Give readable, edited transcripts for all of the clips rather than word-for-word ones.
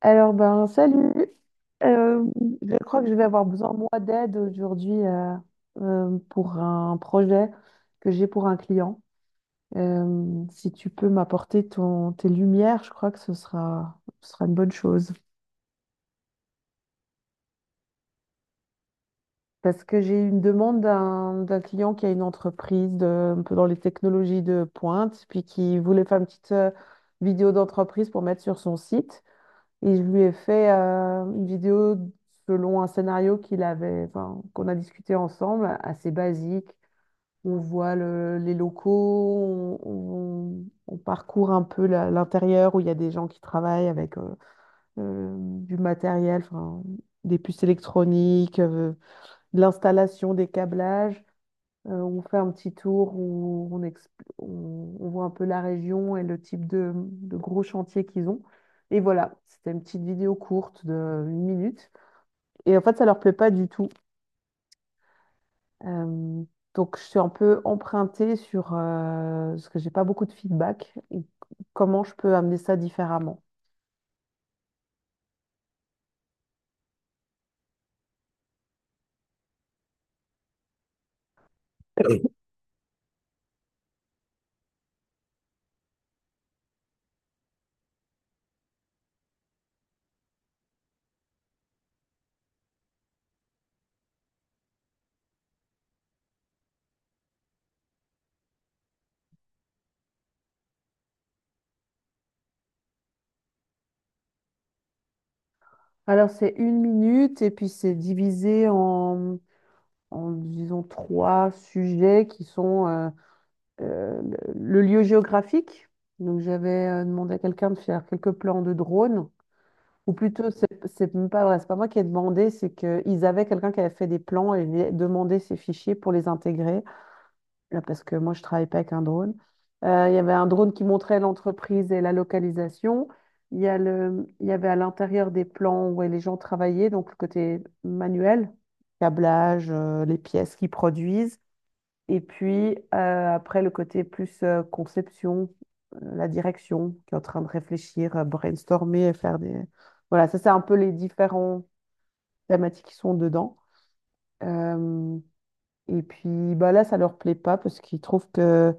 Alors, ben, salut. Euh, je crois que je vais avoir besoin, moi, d'aide aujourd'hui pour un projet que j'ai pour un client. Si tu peux m'apporter tes lumières, je crois que ce sera une bonne chose. Parce que j'ai une demande d'un client qui a un peu dans les technologies de pointe, puis qui voulait faire une petite vidéo d'entreprise pour mettre sur son site. Et je lui ai fait une vidéo selon un scénario qu'il avait, enfin, qu'on a discuté ensemble, assez basique. On voit les locaux, on parcourt un peu l'intérieur où il y a des gens qui travaillent avec du matériel, enfin, des puces électroniques, de l'installation des câblages. On fait un petit tour où on voit un peu la région et le type de gros chantiers qu'ils ont. Et voilà, c'était une petite vidéo courte de une minute. Et en fait, ça leur plaît pas du tout. Euh, donc, je suis un peu empruntée sur parce que j'ai pas beaucoup de feedback et comment je peux amener ça différemment. Alors, c'est une minute et puis c'est divisé en, disons, trois sujets qui sont euh, le lieu géographique. Donc j'avais demandé à quelqu'un de faire quelques plans de drone, ou plutôt c'est même pas vrai, c'est pas moi qui ai demandé, c'est qu'ils avaient quelqu'un qui avait fait des plans et demandé ces fichiers pour les intégrer, là, parce que moi je travaille pas avec un drone. Il y avait un drone qui montrait l'entreprise et la localisation. Il y avait à l'intérieur des plans où les gens travaillaient, donc le côté manuel, câblage, les pièces qu'ils produisent. Et puis, après, le côté plus conception, la direction, qui est en train de réfléchir, brainstormer, faire des… Voilà, ça, c'est un peu les différents thématiques qui sont dedans. Euh, et puis, bah, là, ça leur plaît pas parce qu'ils trouvent que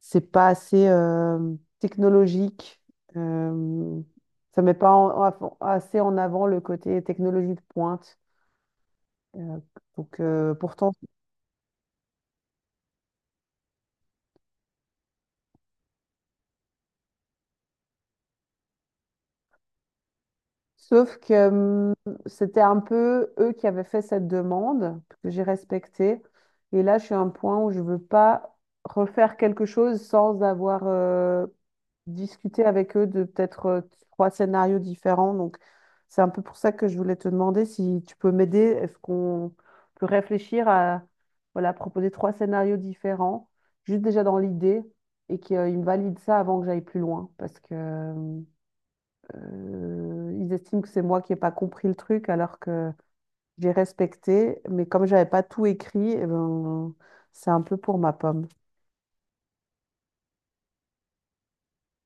c'est pas assez technologique. Euh, ça met pas assez en avant le côté technologie de pointe. Euh, donc, euh, pourtant, Sauf que c'était un peu eux qui avaient fait cette demande, que j'ai respectée. Et là, je suis à un point où je veux pas refaire quelque chose sans avoir discuté avec eux de peut-être trois scénarios différents. Donc, c'est un peu pour ça que je voulais te demander si tu peux m'aider. Est-ce qu'on peut réfléchir à voilà, proposer trois scénarios différents, juste déjà dans l'idée, et qu'ils valident ça avant que j'aille plus loin. Parce que ils estiment que c'est moi qui n'ai pas compris le truc alors que j'ai respecté, mais comme j'avais pas tout écrit, eh ben, c'est un peu pour ma pomme.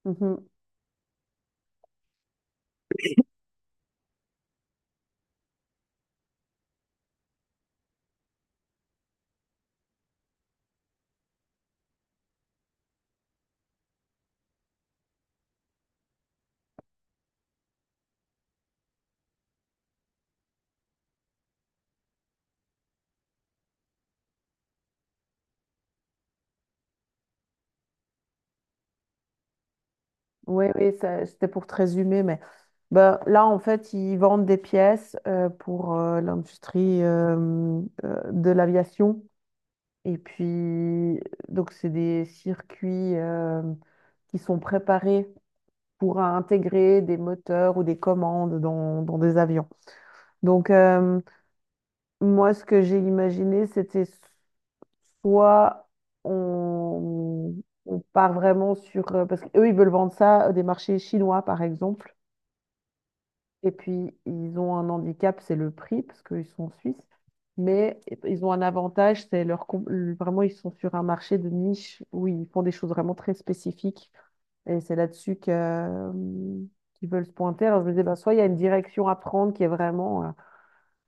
Mhm. Oui, oui, c'était pour te résumer, mais ben, là, en fait, ils vendent des pièces pour l'industrie de l'aviation. Et puis, donc, c'est des circuits qui sont préparés pour intégrer des moteurs ou des commandes dans des avions. Donc, euh, Moi, ce que j'ai imaginé, c'était soit on, on part vraiment sur… Parce qu'eux, ils veulent vendre ça à des marchés chinois, par exemple. Et puis, ils ont un handicap, c'est le prix, parce qu'ils sont suisses. Mais ils ont un avantage, c'est Vraiment, ils sont sur un marché de niche où ils font des choses vraiment très spécifiques. Et c'est là-dessus que qu'ils veulent se pointer. Alors, je me disais, bah, soit il y a une direction à prendre qui est vraiment…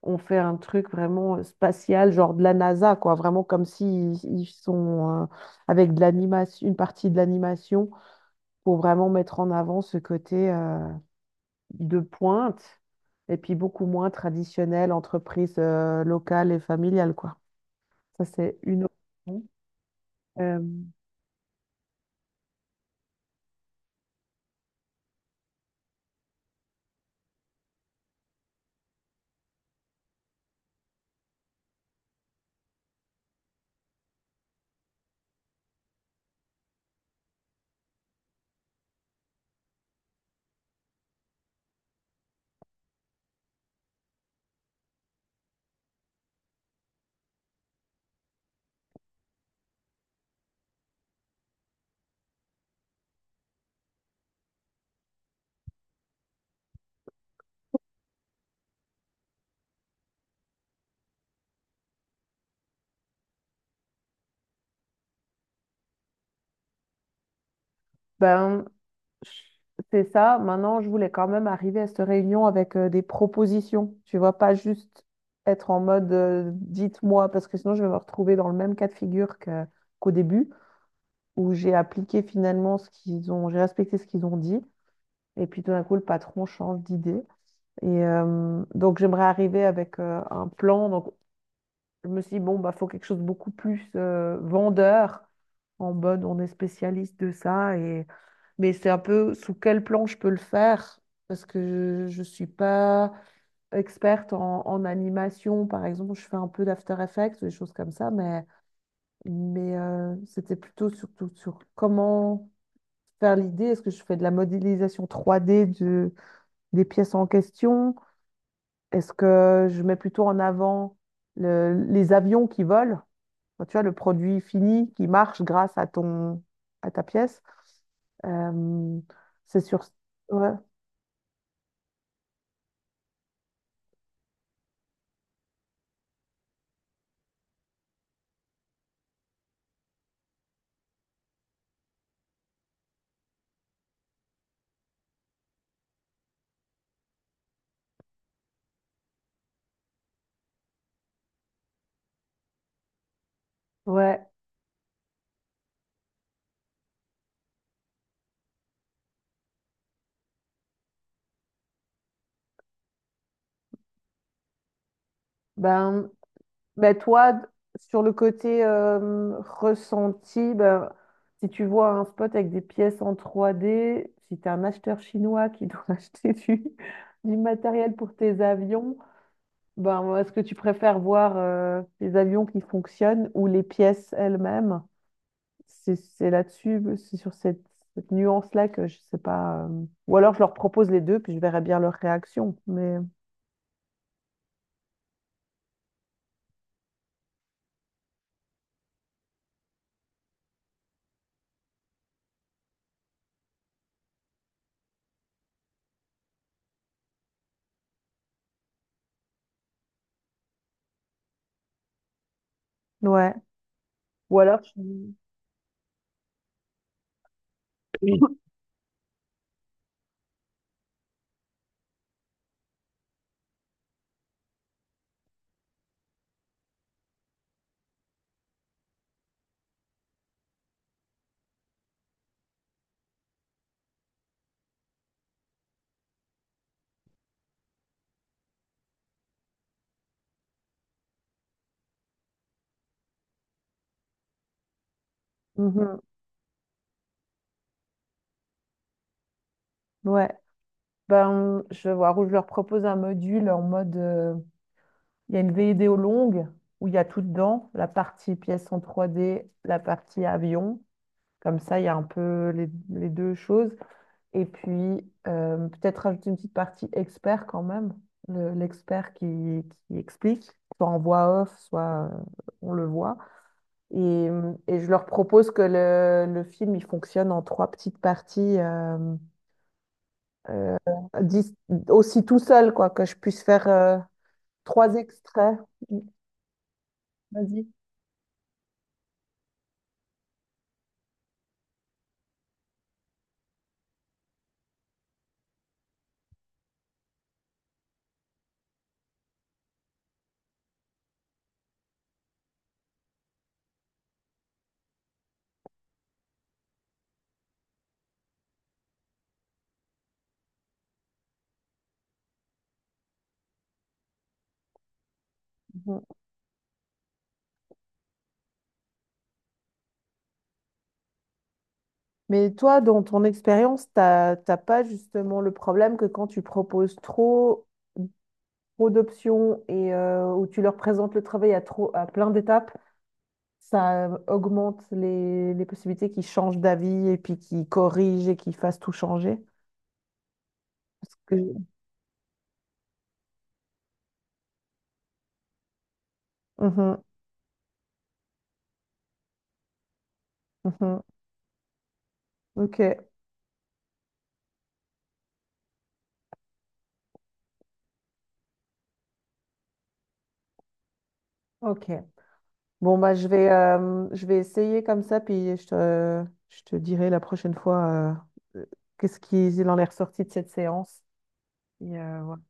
on fait un truc vraiment spatial, genre de la NASA, quoi, vraiment comme si ils sont avec de l'animation, une partie de l'animation pour vraiment mettre en avant ce côté de pointe et puis beaucoup moins traditionnel, entreprise locale et familiale, quoi. Ça, c'est une option. Euh, ben, C'est ça. Maintenant, je voulais quand même arriver à cette réunion avec des propositions. Tu vois, pas juste être en mode dites-moi, parce que sinon je vais me retrouver dans le même cas de figure qu'au début, où j'ai appliqué finalement ce qu'ils ont, j'ai respecté ce qu'ils ont dit, et puis tout d'un coup, le patron change d'idée. Et donc, j'aimerais arriver avec un plan. Donc, je me suis dit, bon, bah, faut quelque chose de beaucoup plus vendeur, en mode on est spécialiste de ça mais c'est un peu sous quel plan je peux le faire, parce que je ne suis pas experte en animation. Par exemple, je fais un peu d'After Effects, des choses comme ça, mais c'était plutôt surtout sur comment faire l'idée. Est-ce que je fais de la modélisation 3D des pièces en question? Est-ce que je mets plutôt en avant les avions qui volent? Enfin, tu vois, le produit fini qui marche grâce à à ta pièce. Euh, c'est sur... Ouais. Ouais, ben, ben toi, d- Sur le côté ressenti, ben, si tu vois un spot avec des pièces en trois d si tu es un acheteur chinois qui doit acheter du matériel pour tes avions, Ben, moi, est-ce que tu préfères voir les avions qui fonctionnent ou les pièces elles-mêmes? C'est là-dessus, c'est sur cette nuance-là que je sais pas. Euh, ou alors je leur propose les deux, puis je verrai bien leur réaction. Mais ouais. Ou alors je… Oui. Mhm. Ouais. Ben, je vais voir où je leur propose un module en mode. Il y a une vidéo longue où il y a tout dedans, la partie pièce en trois d la partie avion. Comme ça, il y a un peu les deux choses. Et puis, peut-être rajouter une petite partie expert quand même, l'expert qui explique, soit en voix off, soit on le voit. Et, et je leur propose que le film, il fonctionne en trois petites parties, euh, dis- aussi tout seul, quoi, que je puisse faire trois extraits. Vas-y. Mhm. Mais toi, dans ton expérience, t'as pas justement le problème que quand tu proposes trop d'options et où tu leur présentes le travail à plein d'étapes, ça augmente les possibilités qu'ils changent d'avis et puis qu'ils corrigent et qu'ils fassent tout changer. Parce que… Mhm, mhm. Ok, ok. Bon, bah, je vais essayer comme ça, puis je te dirai la prochaine fois euh, qu'est-ce qu'il en est ressorti de cette séance. Et, voilà.